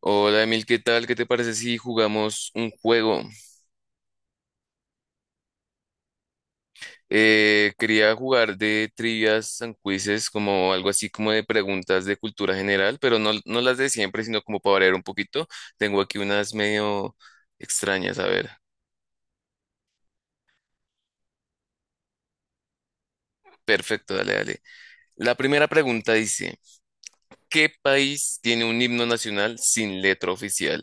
Hola Emil, ¿qué tal? ¿Qué te parece si jugamos un juego? Quería jugar de trivias and quizzes, como algo así como de preguntas de cultura general, pero no las de siempre, sino como para variar un poquito. Tengo aquí unas medio extrañas, a ver. Perfecto, dale. La primera pregunta dice, ¿qué país tiene un himno nacional sin letra oficial?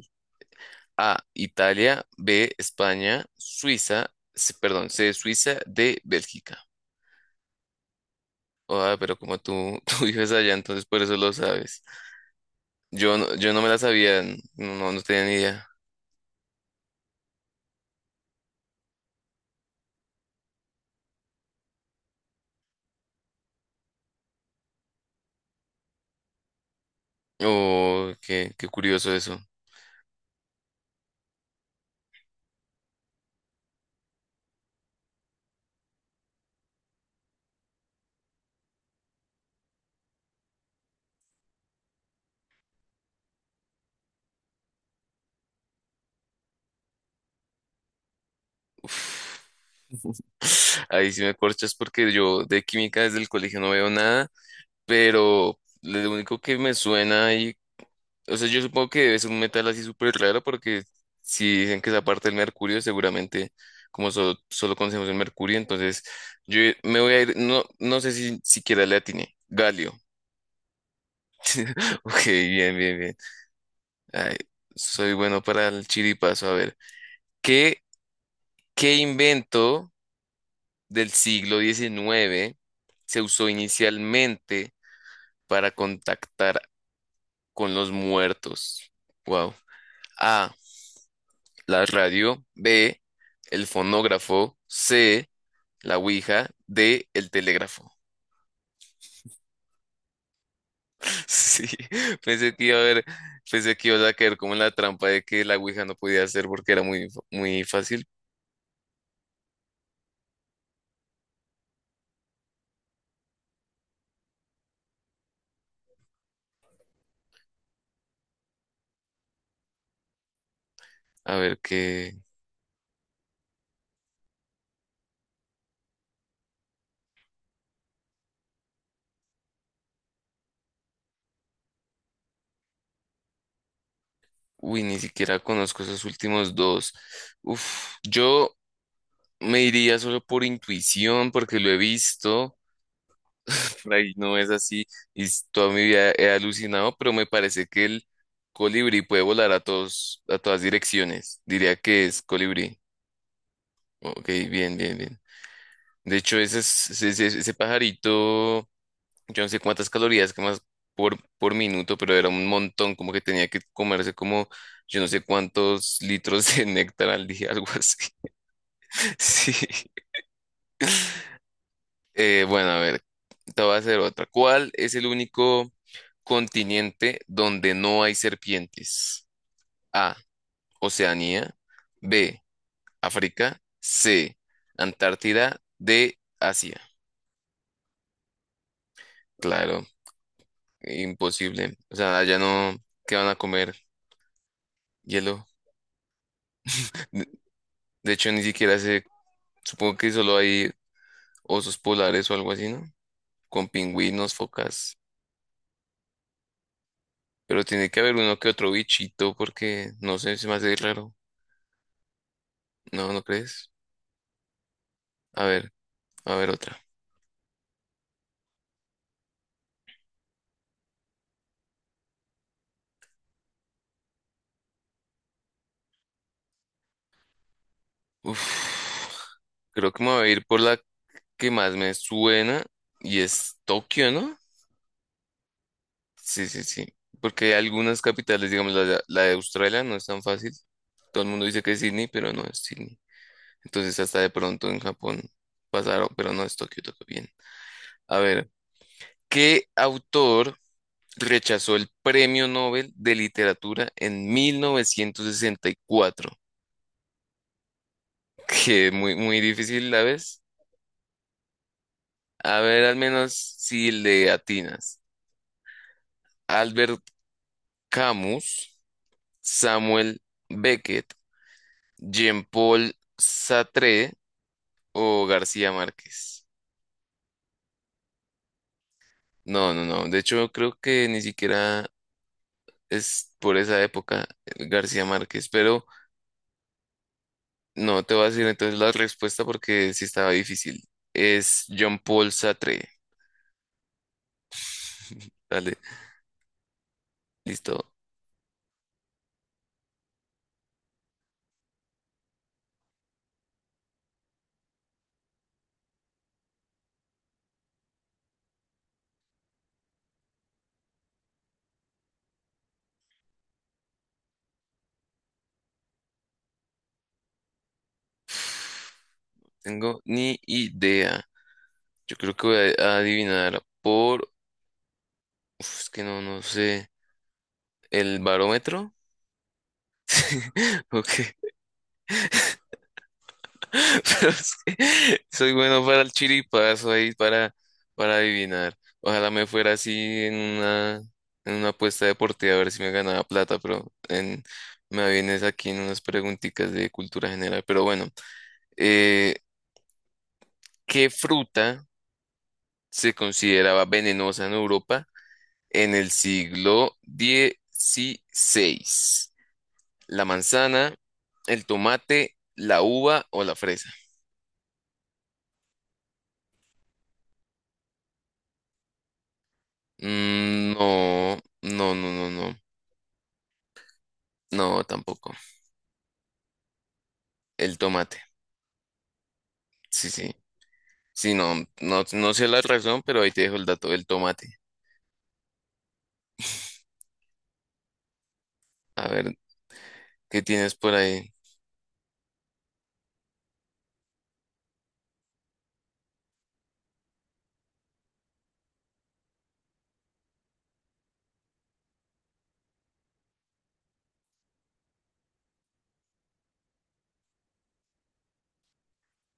A, Italia, B, España, Suiza, perdón, C, Suiza, D, Bélgica. Ah, pero como tú, tú vives allá, entonces por eso lo sabes. Yo no me la sabía, no, no tenía ni idea. Oh, qué curioso eso. Uf. Ahí sí me corchas porque yo de química desde el colegio no veo nada, pero lo único que me suena o sea, yo supongo que es un metal así súper raro porque si dicen que es aparte del mercurio, seguramente como solo conocemos el mercurio, entonces yo me voy a ir, no, no sé si siquiera le atiné, galio. Ok, bien. Ay, soy bueno para el chiripazo. A ver, ¿qué, qué invento del siglo XIX se usó inicialmente para contactar con los muertos? Wow. A, la radio. B, el fonógrafo. C, la ouija. D, el telégrafo. Sí, pensé que iba a haber, pensé que iba a caer como en la trampa de que la ouija no podía hacer porque era muy fácil. A ver qué. Uy, ni siquiera conozco esos últimos dos. Uf, yo me iría solo por intuición, porque lo he visto, por ahí no es así, toda mi vida he alucinado, pero me parece que el colibrí puede volar a todas direcciones. Diría que es colibrí. Ok, bien. De hecho, ese, es- ese, ese ese pajarito. Yo no sé cuántas calorías quemas por minuto, pero era un montón, como que tenía que comerse como yo no sé cuántos litros de néctar al día, algo así. Sí. Bueno, a ver, te voy a hacer otra. ¿Cuál es el único continente donde no hay serpientes? A, Oceanía, B, África, C, Antártida, D, Asia. Claro, imposible. O sea, allá no, ¿qué van a comer? Hielo. De de hecho, ni siquiera sé. Supongo que solo hay osos polares o algo así, ¿no? Con pingüinos, focas. Pero tiene que haber uno que otro bichito porque no sé, se me hace raro. No, ¿no crees? A ver, a ver otra. Uf, creo que me voy a ir por la que más me suena y es Tokio, ¿no? Sí, sí, sí. Porque hay algunas capitales, digamos, la de Australia no es tan fácil. Todo el mundo dice que es Sydney, pero no es Sydney. Entonces hasta de pronto en Japón pasaron, pero no es Tokio, Tokio bien. A ver. ¿Qué autor rechazó el Premio Nobel de Literatura en 1964? Que muy, muy difícil la vez. A ver, al menos si le atinas. Albert Camus, Samuel Beckett, Jean-Paul Sartre o García Márquez. No, no, no. De hecho, creo que ni siquiera es por esa época García Márquez, pero no te voy a decir entonces la respuesta porque sí estaba difícil. Es John paul Sartre. Dale, listo. Tengo ni idea. Yo creo que voy a adivinar por... Uf, es que no, no sé. ¿El barómetro? Ok. Pero es que soy bueno para el chiripazo ahí, para adivinar. Ojalá me fuera así en una, en una apuesta deportiva a ver si me ganaba plata, me vienes aquí en unas preguntitas de cultura general. Pero bueno. Eh, ¿Qué fruta se consideraba venenosa en Europa en el siglo XVI? ¿La manzana, el tomate, la uva o la fresa? Mm, no. No, tampoco. El tomate. Sí, sí. Sí, no, no sé la razón, pero ahí te dejo el dato del tomate. A ver, ¿qué tienes por ahí?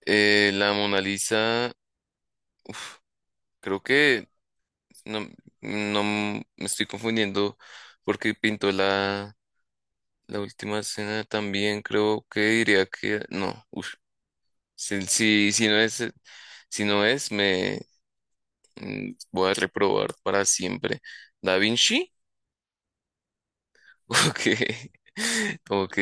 La Mona Lisa, creo que no, no me estoy confundiendo porque pintó la última escena también. Creo que diría que no. Uf, si no es, si no es, me mm, voy a reprobar para siempre. ¿Da Vinci? Ok. Ok.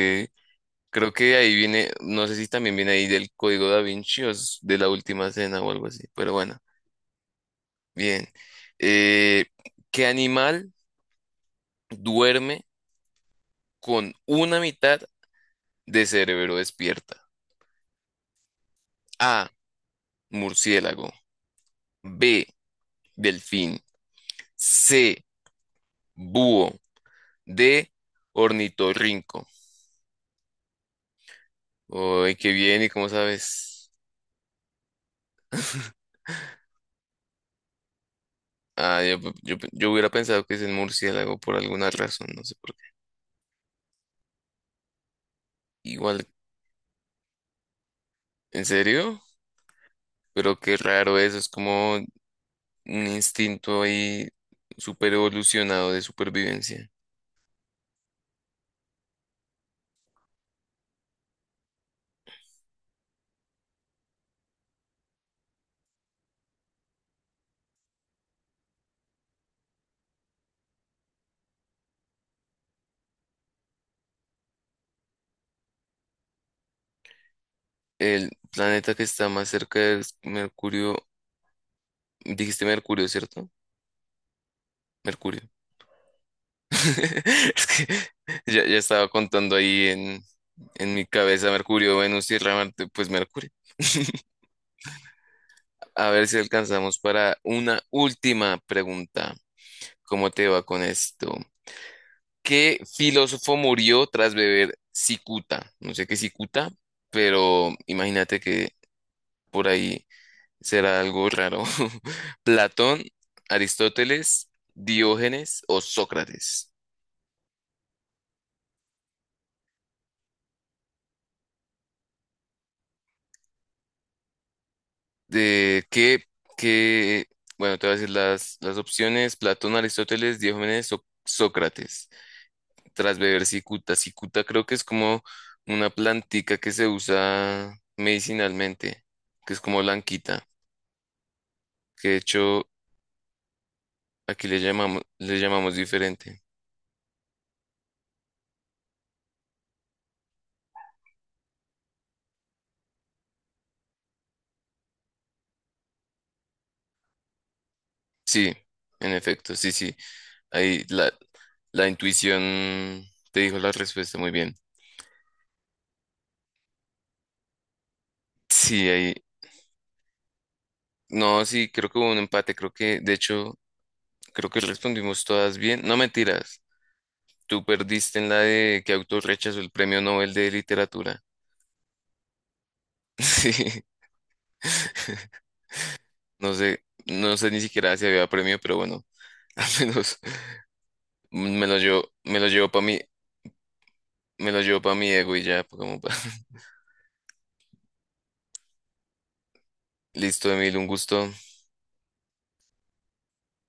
Creo que ahí viene, no sé si también viene ahí del código Da Vinci o es de la última escena o algo así, pero bueno, bien. Eh, ¿Qué animal duerme con una mitad de cerebro despierta? A, murciélago. B, delfín. C, búho. D, ornitorrinco. Uy, qué bien, ¿y cómo sabes? Ah, yo hubiera pensado que es el murciélago por alguna razón, no sé por qué. Igual, ¿en serio? Pero qué raro eso, es como un instinto ahí super evolucionado de supervivencia. El planeta que está más cerca de Mercurio, dijiste Mercurio, ¿cierto? Mercurio. Es que ya estaba contando ahí en mi cabeza Mercurio, Venus, Tierra, Marte, pues Mercurio. A ver si alcanzamos para una última pregunta. ¿Cómo te va con esto? ¿Qué filósofo murió tras beber cicuta? No sé qué es cicuta, pero imagínate que por ahí será algo raro. ¿Platón, Aristóteles, Diógenes o Sócrates? De que, que, bueno, te voy a decir las opciones, Platón, Aristóteles, Diógenes, Sócrates. Tras beber cicuta. Cicuta creo que es como una plantica que se usa medicinalmente, que es como blanquita, que de hecho aquí le llamamos diferente. Sí, en efecto, sí, sí. Ahí la intuición te dijo la respuesta muy bien. Sí, ahí. No, sí, creo que hubo un empate, creo que de hecho creo que respondimos todas bien. No mentiras. Tú perdiste en la de que autor rechazó el premio Nobel de literatura. Sí, no sé, no sé ni siquiera si había premio, pero bueno, al menos me lo llevo para mí, me lo llevo para mi ego y ya, como pa- Listo, Emil, un gusto.